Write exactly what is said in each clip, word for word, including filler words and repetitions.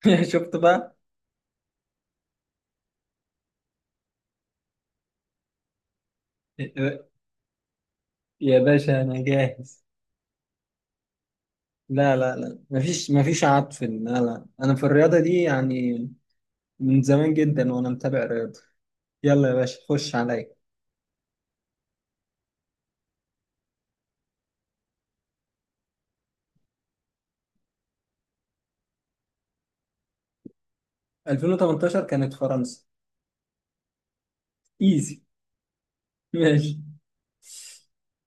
شفت بقى. يا باشا انا جاهز. لا لا لا، مفيش مفيش عطف، لا لا، انا في الرياضه دي يعني من زمان جدا وانا متابع رياضه. يلا يا باشا خش عليا. ألفين وتمنتاشر كانت فرنسا. ايزي. ماشي.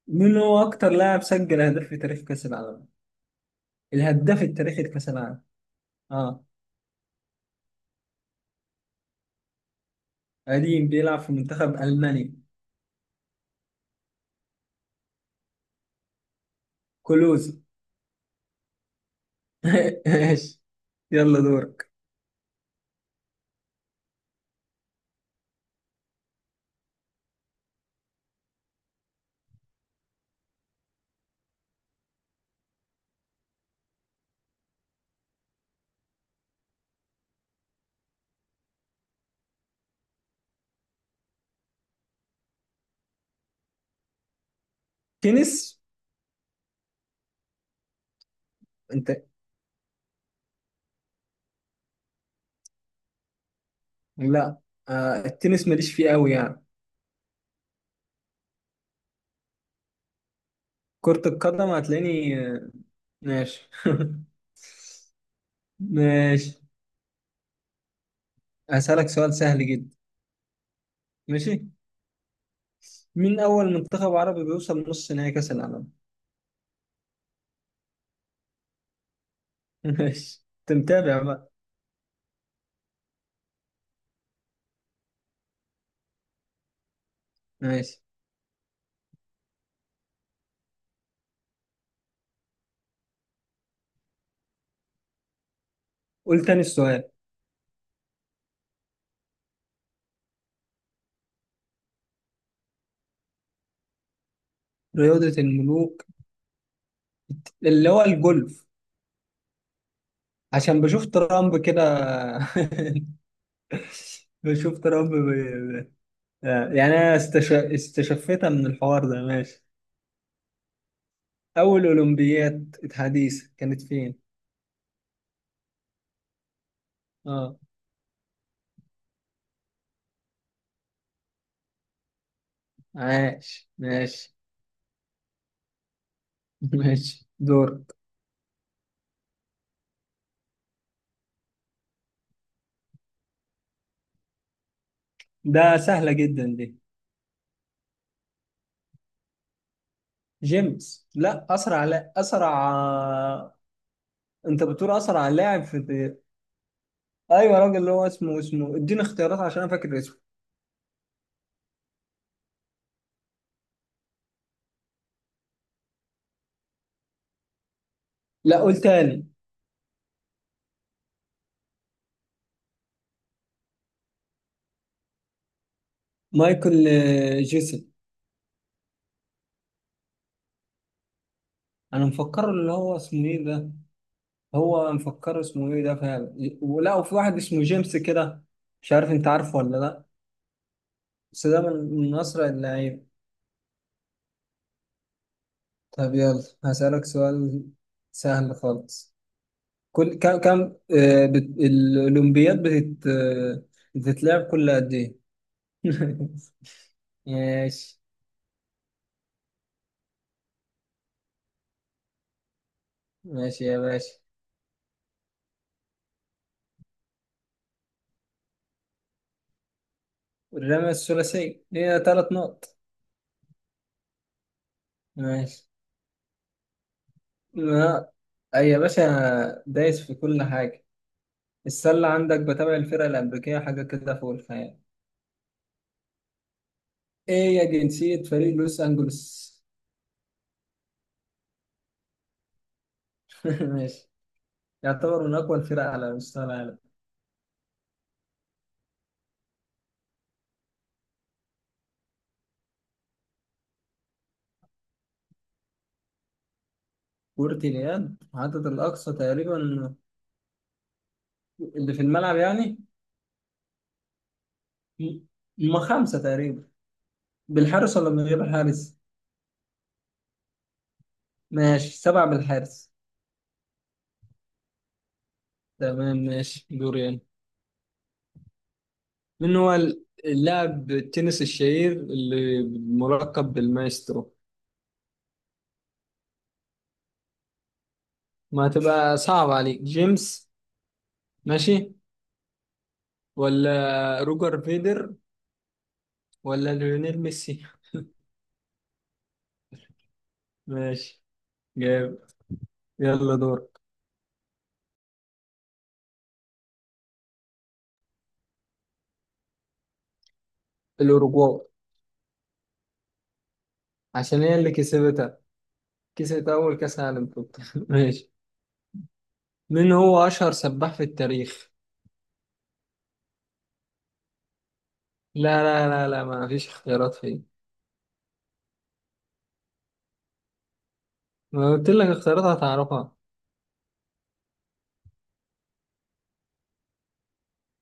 مين هو اكتر لاعب سجل اهداف في تاريخ كاس العالم؟ الهداف التاريخي لكاس العالم. اه، قديم بيلعب في منتخب المانيا. كلوزي. ماشي، يلا دورك. تنس؟ انت؟ لا، آه التنس ماليش فيه قوي يعني. كرة القدم هتلاقيني. ماشي. ماشي. هسألك سؤال سهل جدا. ماشي. مين أول منتخب عربي بيوصل نص نهائي كأس العالم؟ ماشي. أنت متابع بقى. ماشي، قول تاني السؤال. رياضة الملوك اللي هو الجولف. عشان بشوف ترامب كده. بشوف ترامب بي... يعني أنا استش... استشفيتها من الحوار ده. ماشي. أول أولمبياد حديثة كانت فين؟ اه. عاش، ماشي. ماشي، دورك. ده سهلة جدا دي. جيمس، لا أسرع، لا أسرع. أنت بتقول أسرع لاعب في في- أيوة، راجل اللي هو اسمه اسمه اديني اختيارات عشان أنا فاكر اسمه. لا، قول تاني. مايكل، آه، جيسن. أنا مفكره اللي هو اسمه إيه ده. هو مفكره اسمه إيه ده فعلا، ولا وفي واحد اسمه جيمس كده. مش عارف أنت عارفه ولا لا. بس ده من من أسرع اللعيبة. طب يلا هسألك سؤال سهل خالص. كل كم كم آه، بت... الأولمبياد بتت... آه، بتتلعب كل قد إيه؟ ماشي. ماشي يا باشا. الرمى الثلاثي هي ثلاث نقط. ماشي. ما... أي يا باشا دايس في كل حاجة. السلة عندك، بتابع الفرقة الأمريكية حاجة كده فوق الخيال. إيه يا جنسية فريق لوس أنجلوس؟ ماشي. يعتبر من أقوى الفرق على مستوى العالم. كرة اليد عدد الأقصى تقريبا، اللي في الملعب يعني، ما خمسة تقريبا. بالحارس ولا من غير الحارس؟ ماشي، سبعة بالحارس. تمام، ماشي دوري أنا. من هو ال- اللاعب التنس الشهير اللي ملقب بالمايسترو؟ ما تبقى صعب عليك جيمس. ماشي، ولا روجر فيدر، ولا ليونيل ميسي. ماشي جاب. يلا دور. الأوروغواي. عشان هي اللي كسبتها. كسبت أول كأس عالم في. ماشي. من هو أشهر سباح في التاريخ؟ لا لا لا لا، ما فيش اختيارات فيه. ما قلت لك اختيارات هتعرفها.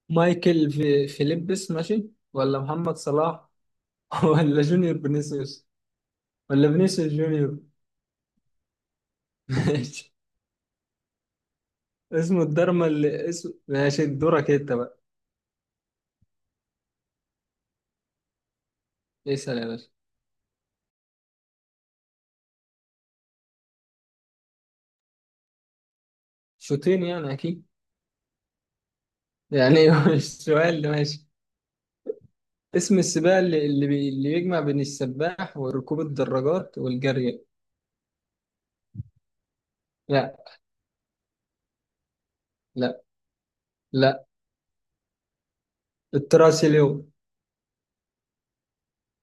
مايكل في فيليبس، ماشي، ولا محمد صلاح، ولا جونيور فينيسيوس، ولا فينيسيوس جونيور. ماشي. اسمه الدرما اللي اسمه. ماشي دورك انت بقى. اسأل يا باشا. شوطين يعني اكيد يعني. هو السؤال ده. ماشي. اسم السباق اللي اللي, بي... اللي يجمع بين السباح وركوب الدراجات والجري. لا، لا، لا. التراسي اليوم.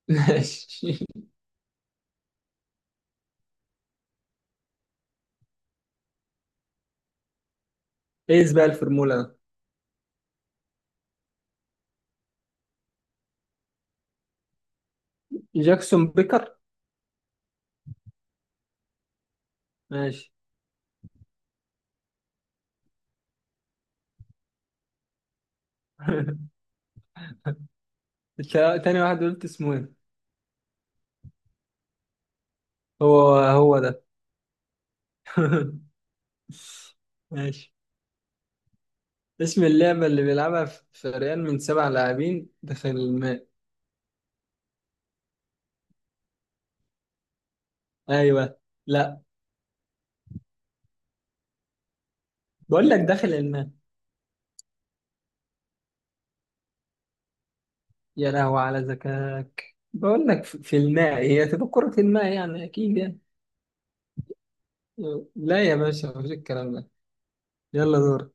ماشي. ايه سباق الفورمولا ده؟ جاكسون بيكر. ماشي. التا- تاني واحد قلت اسمه ايه؟ هو هو ده. ماشي. اسم اللعبة اللي بيلعبها ف- فريقين من سبع لاعبين داخل الماء. ايوه. لا، بقول لك داخل الماء. يا لهوي على ذكاك، بقول لك ف- في الماء هي تبقى كرة الماء، يعني اكيد يعني. لا يا باشا، مفيش الكلام ده. يلا دور.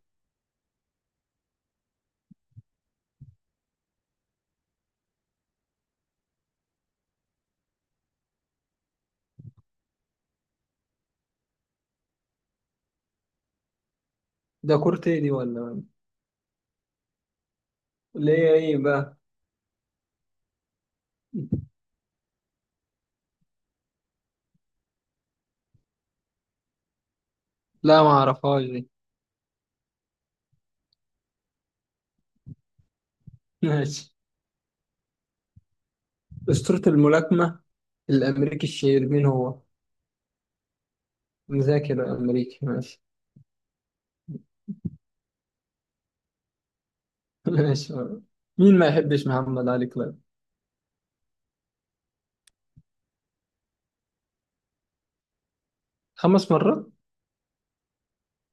ده كرة ايه دي ولا ولا؟ اللي هي ايه بقى؟ لا، ما اعرفهاش دي. ماشي. أسطورة الملاكمة الأمريكي الشهير مين هو؟ مذاكر أمريكي. ماشي. ماشي. مين ما يحبش محمد علي كلاي؟ خمس مرات؟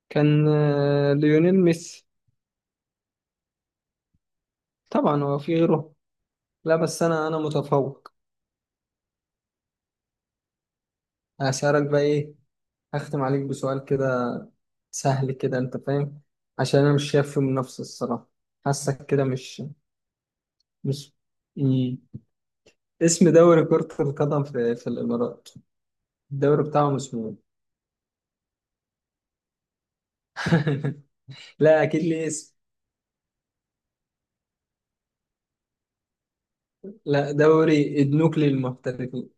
كان آه، ليونيل ميسي. طبعا هو في غيره. لا بس أنا أنا متفوق. هسألك بقى إيه. هختم عليك بسؤال كده سهل كده أنت فاهم، عشان أنا مش شايف فيه منافسة الصراحة. حاسك كده مش مش مم. اسم دوري كرة القدم في, في الإمارات، الدوري بتاعهم اسمه إيه؟ لا أكيد ليه اسم. لا، دوري النوكلي للمحترفين.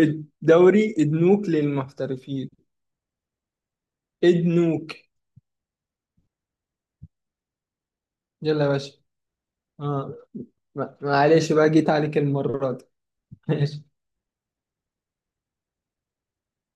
الدوري ادنوك للمحترفين. ادنوك. يلا يا باشا. اه. ما- معلش بقى جيت عليك المرة دي.